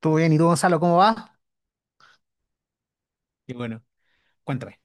¿Todo bien? ¿Y tú, Gonzalo, cómo va? Y bueno, cuéntame.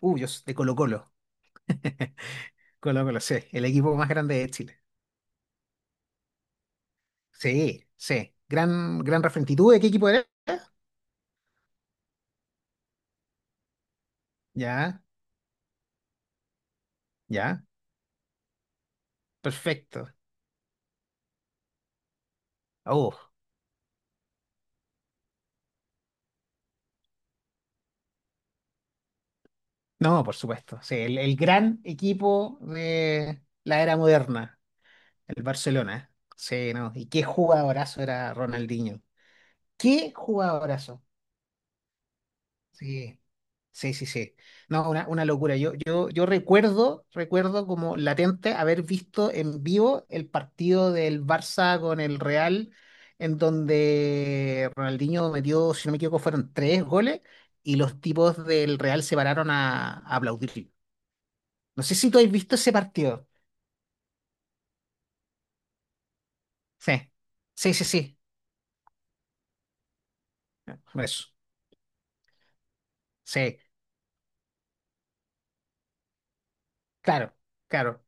Yo soy de Colo-Colo. Colo-Colo, sí, el equipo más grande de Chile. Sí, sí. Gran, gran referente. ¿Y tú de qué equipo eres? Ya, ya. Perfecto. Uh, no, por supuesto. Sí, el gran equipo de la era moderna, el Barcelona. Sí, no. ¿Y qué jugadorazo era Ronaldinho? ¿Qué jugadorazo? Sí, sí, sí, sí. No, una locura. Yo recuerdo como latente haber visto en vivo el partido del Barça con el Real, en donde Ronaldinho metió, si no me equivoco, fueron tres goles y los tipos del Real se pararon a aplaudir. No sé si tú has visto ese partido. Sí, sí, sí, sí. Eso. Sí, claro, claro.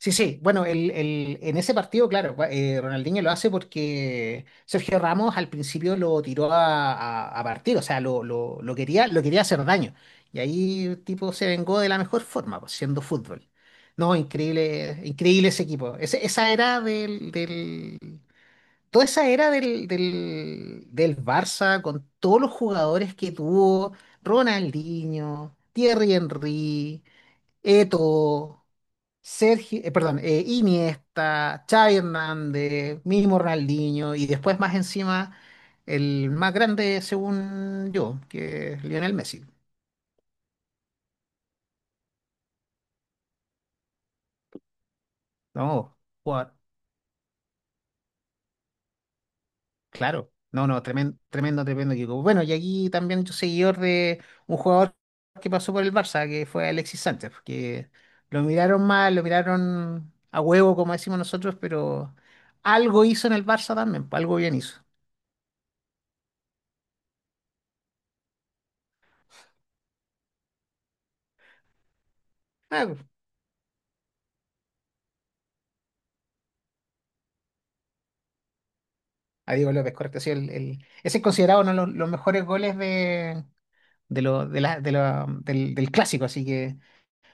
Sí, sí, bueno, en ese partido, claro, Ronaldinho lo hace porque Sergio Ramos al principio lo tiró a partir, o sea, lo quería hacer daño. Y ahí el tipo se vengó de la mejor forma, pues, siendo fútbol. No, increíble, increíble ese equipo. Ese- esa era del, del- Toda esa era del Barça, con todos los jugadores que tuvo: Ronaldinho, Thierry Henry, Eto'o. Sergio, perdón, Iniesta, Xavi Hernández, mismo Ronaldinho y después más encima el más grande según yo, que es Lionel Messi. No, jugador, claro. No, no, tremendo, tremendo, tremendo equipo. Bueno, y aquí también yo seguidor de un jugador que pasó por el Barça, que fue Alexis Sánchez, que lo miraron mal, lo miraron a huevo, como decimos nosotros, pero algo hizo en el Barça también, pues, algo bien hizo. Ah, a Diego López, correcto. Sí, ese es considerado uno de los mejores goles de lo, de la- del, del clásico, así que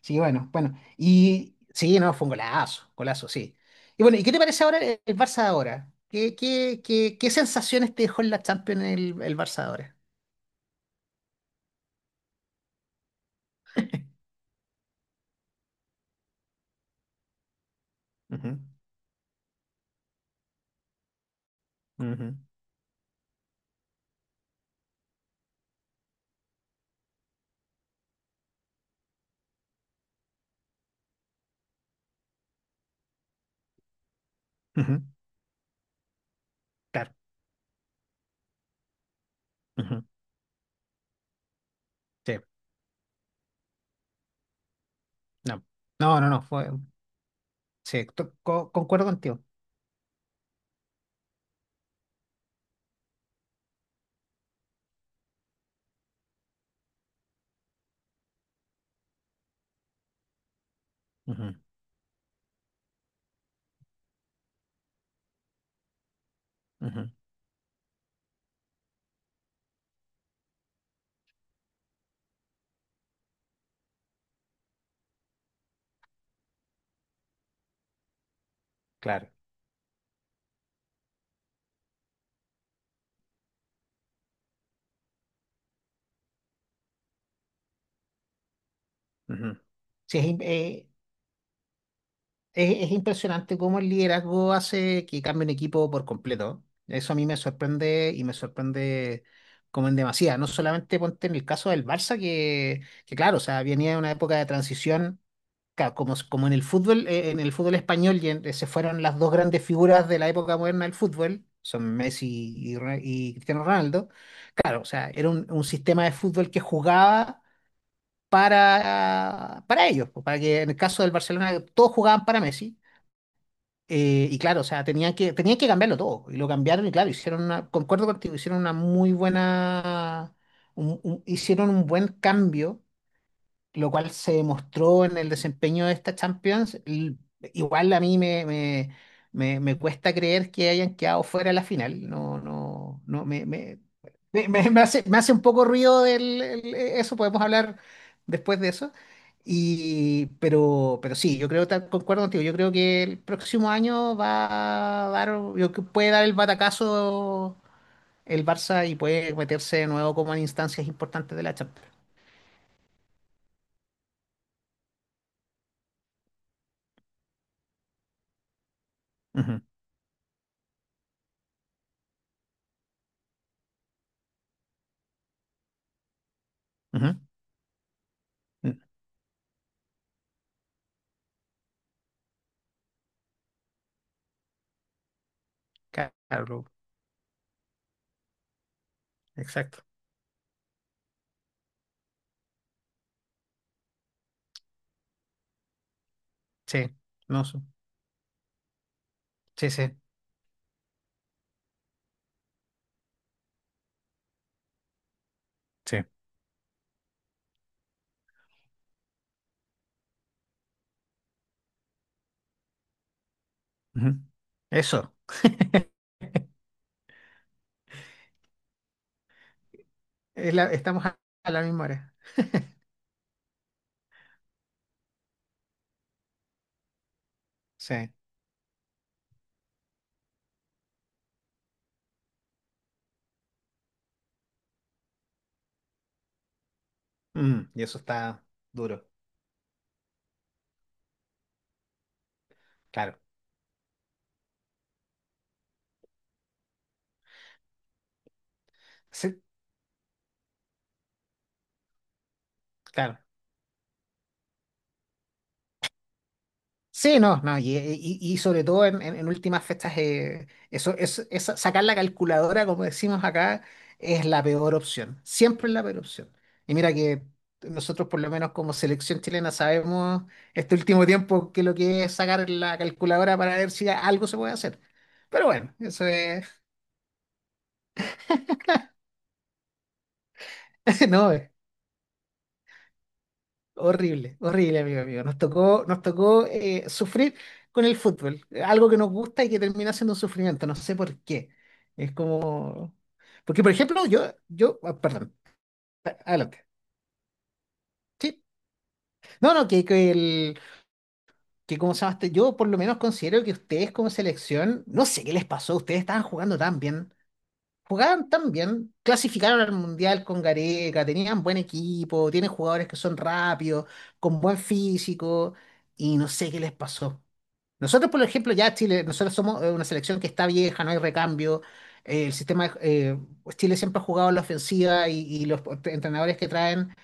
sí, bueno, bueno. Y sí, no, fue un golazo, golazo, sí. Y bueno, ¿y qué te parece ahora el Barça de ahora? ¿Qué sensaciones te dejó en la Champions el Barça de ahora? Ujú, ujú, ujú. Claro. Ujú, sí, no. No, no, no, fue, sí, concuerdo contigo. Ujú, ujú. Claro. Ujú. Sí, es impresionante cómo el liderazgo hace que cambie un equipo por completo. Eso a mí me sorprende y me sorprende como en demasía. No solamente ponte en el caso del Barça, que claro, o sea, venía de una época de transición, como en el fútbol español se fueron las dos grandes figuras de la época moderna del fútbol, son Messi y Cristiano Ronaldo. Claro, o sea, era un sistema de fútbol que jugaba para ellos, pues, para que en el caso del Barcelona todos jugaban para Messi, y claro, o sea, tenían que cambiarlo todo. Y lo cambiaron y claro, hicieron una, concuerdo contigo, hicieron una muy buena, hicieron un buen cambio, lo cual se demostró en el desempeño de esta Champions. Igual a mí me cuesta creer que hayan quedado fuera de la final. No, no, no. Me hace un poco ruido eso. Podemos hablar después de eso. Y, pero sí, yo creo, concuerdo contigo, yo creo que el próximo año va a dar, yo creo que puede dar el batacazo el Barça y puede meterse de nuevo como en instancias importantes de la Champions. Ujú, ujú. Claro, exacto. Sí, no, sí, sí, sí. Ujú. Eso. Estamos a la misma hora. Sí. Y eso está duro. Claro. Sí, claro. Sí, no, no, y sobre todo en últimas fechas, eso, sacar la calculadora, como decimos acá, es la peor opción, siempre es la peor opción. Y mira que nosotros, por lo menos como selección chilena, sabemos este último tiempo que lo que es sacar la calculadora para ver si algo se puede hacer. Pero bueno, eso es, no, horrible, horrible, amigo, amigo. Nos tocó sufrir con el fútbol, algo que nos gusta y que termina siendo un sufrimiento, no sé por qué. Es como. Porque, por ejemplo, ah, perdón, adelante. Sí. No, no, que como se llama este, yo por lo menos considero que ustedes como selección, no sé qué les pasó, ustedes estaban jugando tan bien, jugaban tan bien, clasificaron al Mundial con Gareca, tenían buen equipo, tienen jugadores que son rápidos, con buen físico, y no sé qué les pasó. Nosotros, por ejemplo, ya Chile, nosotros somos una selección que está vieja, no hay recambio. El sistema, pues Chile siempre ha jugado a la ofensiva y los entrenadores que traen,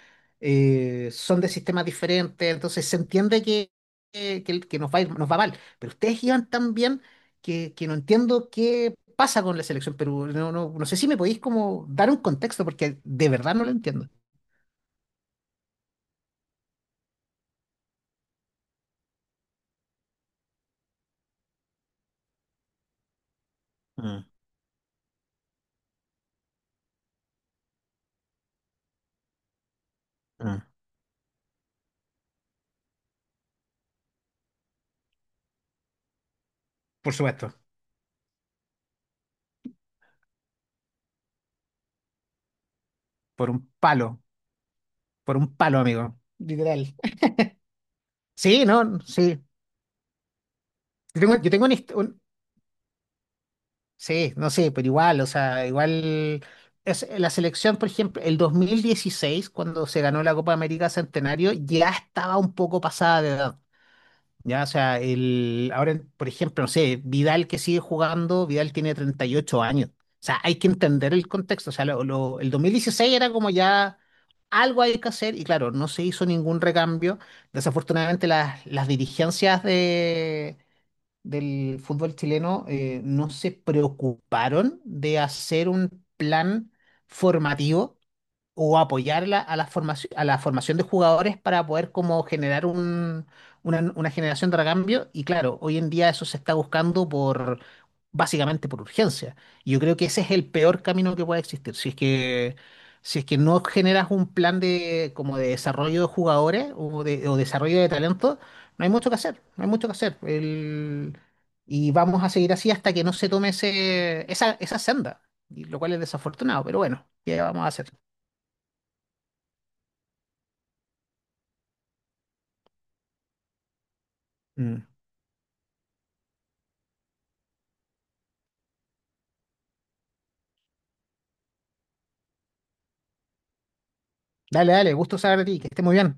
son de sistemas diferentes, entonces se entiende que nos va mal. Pero ustedes iban tan bien que no entiendo qué pasa con la selección Perú. No, no, no sé si me podéis como dar un contexto, porque de verdad no lo entiendo. Mm, mm. Por supuesto, por un palo, por un palo, amigo. Literal. Sí, no, sí. Yo tengo un, hist- un- Sí, no sé, pero igual, o sea, igual. Es, la selección, por ejemplo, el 2016 cuando se ganó la Copa América Centenario, ya estaba un poco pasada de edad. Ya, o sea, ahora, por ejemplo, no sé, Vidal que sigue jugando, Vidal tiene 38 años. O sea, hay que entender el contexto. O sea, el 2016 era como ya algo hay que hacer y claro, no se hizo ningún recambio. Desafortunadamente las dirigencias del fútbol chileno, no se preocuparon de hacer un plan formativo o apoyarla a la formación de jugadores para poder como generar una generación de recambio. Y claro, hoy en día eso se está buscando por básicamente por urgencia. Y yo creo que ese es el peor camino que puede existir. Si es que no generas un plan de, como de desarrollo de jugadores o desarrollo de talento, no hay mucho que hacer, no hay mucho que hacer. Y vamos a seguir así hasta que no se tome esa senda, y lo cual es desafortunado, pero bueno, ¿qué vamos a hacer? Mm. Dale, dale, gusto saber de ti, que esté muy bien.